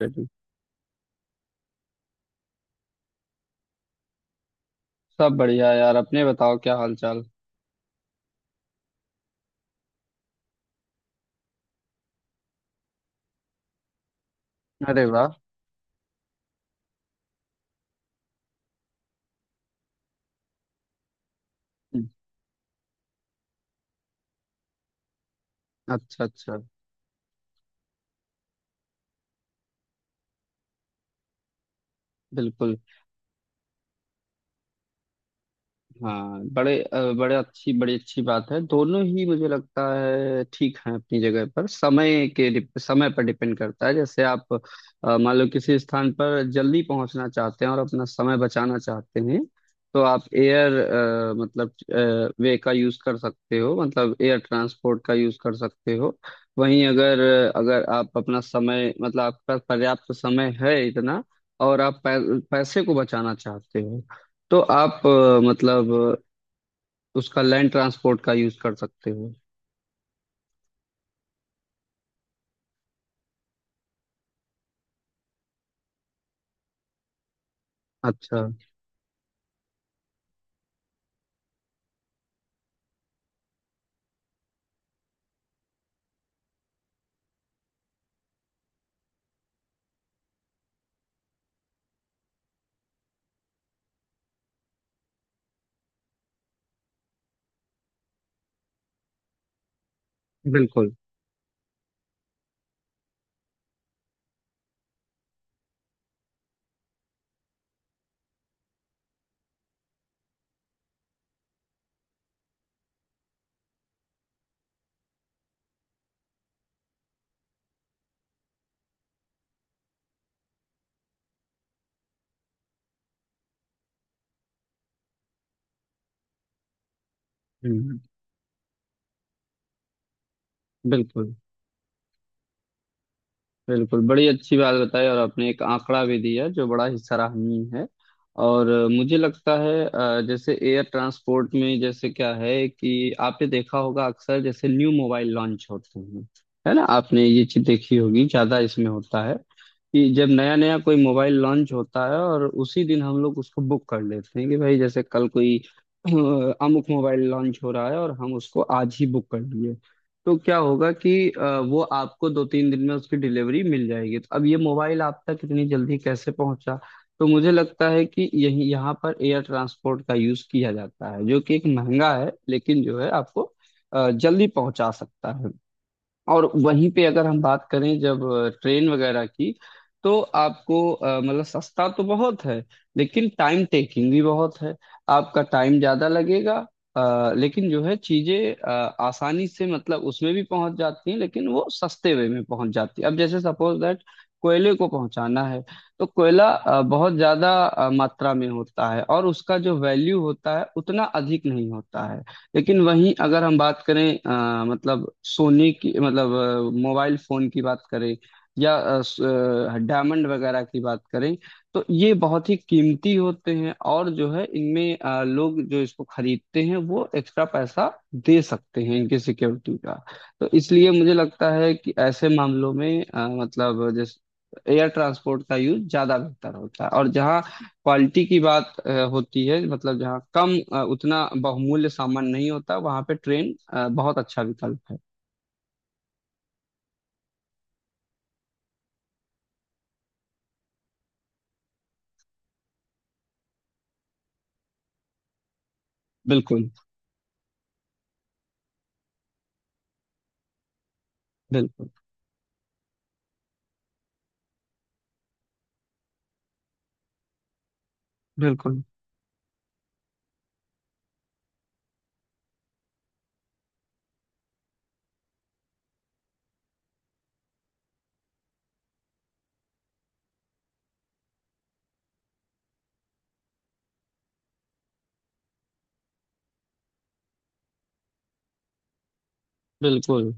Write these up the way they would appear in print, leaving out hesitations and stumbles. ready। सब बढ़िया, यार। अपने बताओ, क्या हाल चाल। अरे वाह। हम्म। अच्छा, अच्छा। बिल्कुल। हाँ, बड़े अ, बड़े अच्छी बड़ी अच्छी बात है। दोनों ही मुझे लगता है ठीक है, अपनी जगह पर। समय पर डिपेंड करता है। जैसे आप मान लो किसी स्थान पर जल्दी पहुंचना चाहते हैं और अपना समय बचाना चाहते हैं, तो आप एयर मतलब वे का यूज कर सकते हो, मतलब एयर ट्रांसपोर्ट का यूज कर सकते हो। वहीं अगर अगर आप अपना समय मतलब आपका पर्याप्त समय है इतना, और आप पैसे को बचाना चाहते हो, तो आप मतलब उसका लैंड ट्रांसपोर्ट का यूज कर सकते हो। अच्छा। बिल्कुल। हम्म। बिल्कुल, बिल्कुल, बड़ी अच्छी बात बताई। और आपने एक आंकड़ा भी दिया, जो बड़ा ही सराहनीय है। और मुझे लगता है, जैसे एयर ट्रांसपोर्ट में, जैसे क्या है कि आपने देखा होगा, अक्सर जैसे न्यू मोबाइल लॉन्च होते हैं, है ना। आपने ये चीज देखी होगी, ज्यादा इसमें होता है कि जब नया नया कोई मोबाइल लॉन्च होता है और उसी दिन हम लोग उसको बुक कर लेते हैं, कि भाई जैसे कल कोई अ, अमुक मोबाइल लॉन्च हो रहा है और हम उसको आज ही बुक कर लिए। तो क्या होगा कि वो आपको 2-3 दिन में उसकी डिलीवरी मिल जाएगी। तो अब ये मोबाइल आप तक इतनी जल्दी कैसे पहुंचा? तो मुझे लगता है कि यही यहाँ पर एयर ट्रांसपोर्ट का यूज किया जाता है, जो कि एक महंगा है, लेकिन जो है आपको जल्दी पहुंचा सकता है। और वहीं पे अगर हम बात करें जब ट्रेन वगैरह की, तो आपको मतलब सस्ता तो बहुत है, लेकिन टाइम टेकिंग भी बहुत है, आपका टाइम ज्यादा लगेगा। लेकिन जो है चीजें आसानी से मतलब उसमें भी पहुंच जाती हैं, लेकिन वो सस्ते वे में पहुंच जाती है। अब जैसे सपोज दैट कोयले को पहुंचाना है, तो कोयला बहुत ज्यादा मात्रा में होता है, और उसका जो वैल्यू होता है उतना अधिक नहीं होता है। लेकिन वहीं अगर हम बात करें मतलब सोने की, मतलब मोबाइल फोन की बात करें, या डायमंड वगैरह की बात करें, तो ये बहुत ही कीमती होते हैं। और जो है इनमें लोग जो इसको खरीदते हैं वो एक्स्ट्रा पैसा दे सकते हैं इनकी सिक्योरिटी का। तो इसलिए मुझे लगता है कि ऐसे मामलों में मतलब जैसे एयर ट्रांसपोर्ट का यूज ज्यादा बेहतर होता है, और जहाँ क्वालिटी की बात होती है, मतलब जहाँ कम उतना बहुमूल्य सामान नहीं होता, वहाँ पे ट्रेन बहुत अच्छा विकल्प है। बिल्कुल, बिल्कुल, बिल्कुल, बिल्कुल,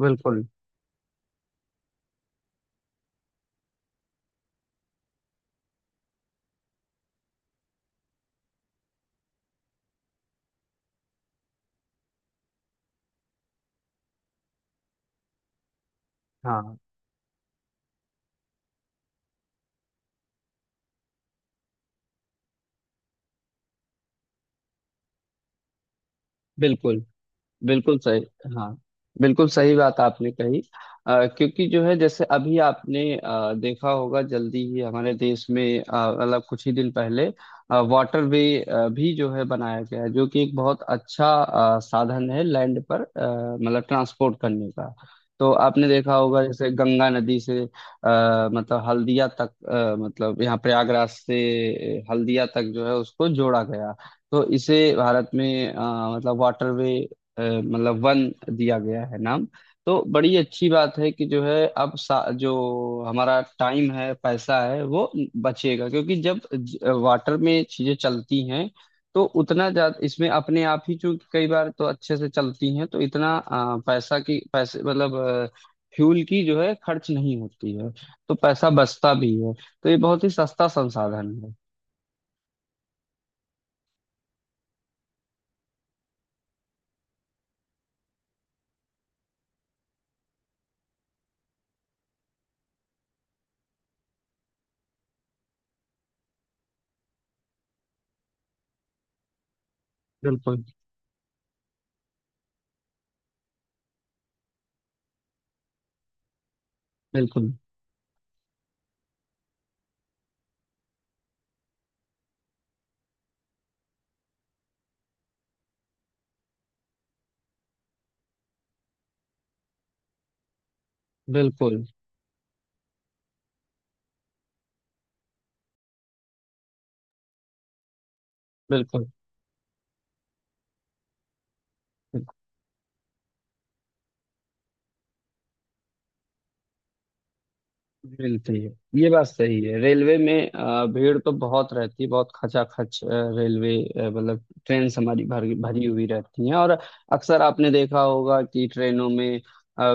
बिल्कुल। हाँ, बिल्कुल, बिल्कुल सही। हाँ, बिल्कुल सही बात आपने कही। क्योंकि जो है जैसे अभी आपने देखा होगा जल्दी ही हमारे देश में मतलब कुछ ही दिन पहले वाटरवे भी जो है बनाया गया है, जो कि एक बहुत अच्छा साधन है लैंड पर, मतलब ट्रांसपोर्ट करने का। तो आपने देखा होगा जैसे गंगा नदी से मतलब हल्दिया तक, मतलब यहाँ प्रयागराज से हल्दिया तक जो है उसको जोड़ा गया। तो इसे भारत में मतलब वाटरवे मतलब वन दिया गया है नाम। तो बड़ी अच्छी बात है कि जो है अब जो हमारा टाइम है पैसा है वो बचेगा, क्योंकि जब वाटर में चीजें चलती हैं तो उतना ज्यादा इसमें अपने आप ही, चूंकि कई बार तो अच्छे से चलती हैं, तो इतना पैसा की पैसे मतलब फ्यूल की जो है खर्च नहीं होती है। तो पैसा बचता भी है, तो ये बहुत ही सस्ता संसाधन है। बिल्कुल, बिल्कुल, बिल्कुल, बिल्कुल, बिल्कुल। ये बात सही है, रेलवे में भीड़ तो बहुत रहती है, बहुत खचाखच रेलवे मतलब ट्रेन हमारी भरी भरी हुई रहती हैं। और अक्सर आपने देखा होगा कि ट्रेनों में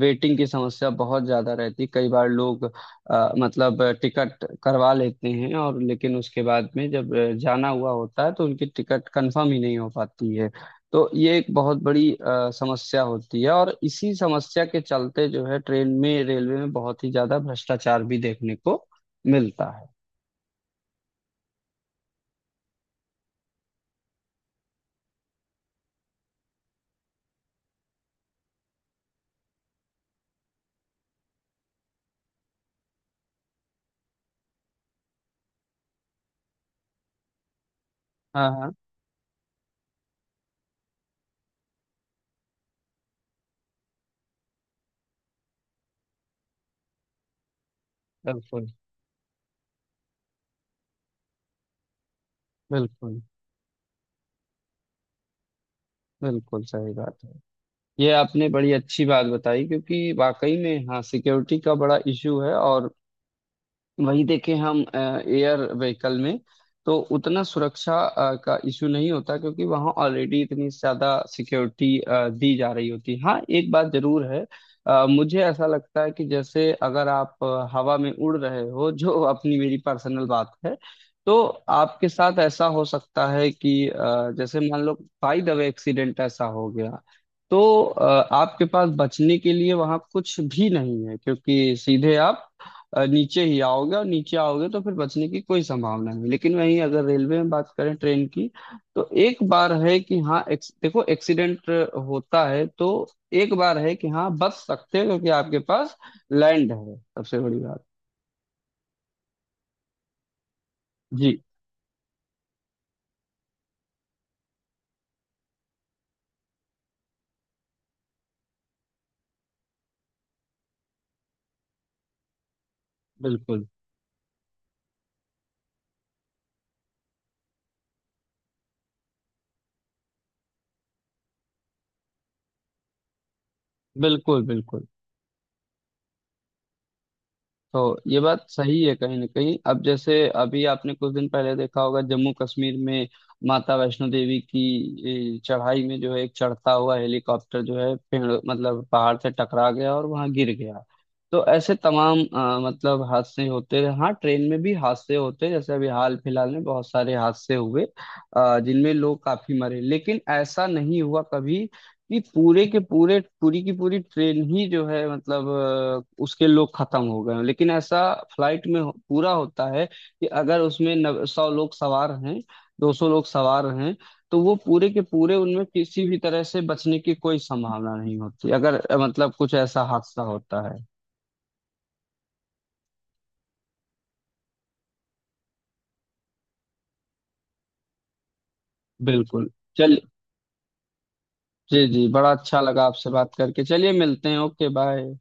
वेटिंग की समस्या बहुत ज्यादा रहती है, कई बार लोग मतलब टिकट करवा लेते हैं, और लेकिन उसके बाद में जब जाना हुआ होता है तो उनकी टिकट कंफर्म ही नहीं हो पाती है। तो ये एक बहुत बड़ी समस्या होती है, और इसी समस्या के चलते जो है ट्रेन में रेलवे में बहुत ही ज्यादा भ्रष्टाचार भी देखने को मिलता है। हाँ, हाँ। बिल्कुल। बिल्कुल बिल्कुल सही बात है। ये आपने बड़ी अच्छी बात बताई, क्योंकि वाकई में हाँ, सिक्योरिटी का बड़ा इशू है। और वही देखें हम एयर व्हीकल में, तो उतना सुरक्षा का इशू नहीं होता, क्योंकि वहाँ ऑलरेडी इतनी ज्यादा सिक्योरिटी दी जा रही होती है। हाँ, एक बात जरूर है, मुझे ऐसा लगता है कि जैसे अगर आप हवा में उड़ रहे हो, जो अपनी मेरी पर्सनल बात है, तो आपके साथ ऐसा हो सकता है कि जैसे मान लो बाय द वे एक्सीडेंट ऐसा हो गया, तो आपके पास बचने के लिए वहाँ कुछ भी नहीं है, क्योंकि सीधे आप नीचे ही आओगे, और नीचे आओगे तो फिर बचने की कोई संभावना नहीं। लेकिन वहीं अगर रेलवे में बात करें ट्रेन की, तो एक बार है कि हाँ, देखो एक्सीडेंट होता है, तो एक बार है कि हाँ बच सकते हो, क्योंकि आपके पास लैंड है, सबसे बड़ी बात। जी। बिल्कुल, बिल्कुल, बिल्कुल। तो ये बात सही है, कहीं ना कहीं। अब जैसे अभी आपने कुछ दिन पहले देखा होगा जम्मू कश्मीर में माता वैष्णो देवी की चढ़ाई में जो है एक चढ़ता हुआ हेलीकॉप्टर जो है पेड़ मतलब पहाड़ से टकरा गया और वहां गिर गया। तो ऐसे तमाम मतलब हादसे होते रहे। हाँ, ट्रेन में भी हादसे होते हैं, जैसे अभी हाल फिलहाल में बहुत सारे हादसे हुए, जिनमें लोग काफी मरे। लेकिन ऐसा नहीं हुआ कभी नहीं पूरे के पूरे, पूरी की पूरी ट्रेन ही जो है मतलब उसके लोग खत्म हो गए हैं। लेकिन ऐसा फ्लाइट में पूरा होता है, कि अगर उसमें 100 लोग सवार हैं, 200 लोग सवार हैं, तो वो पूरे के पूरे उनमें किसी भी तरह से बचने की कोई संभावना नहीं होती, अगर मतलब कुछ ऐसा हादसा होता है। बिल्कुल। चल। जी, जी, बड़ा अच्छा लगा आपसे बात करके। चलिए मिलते हैं। Okay, bye.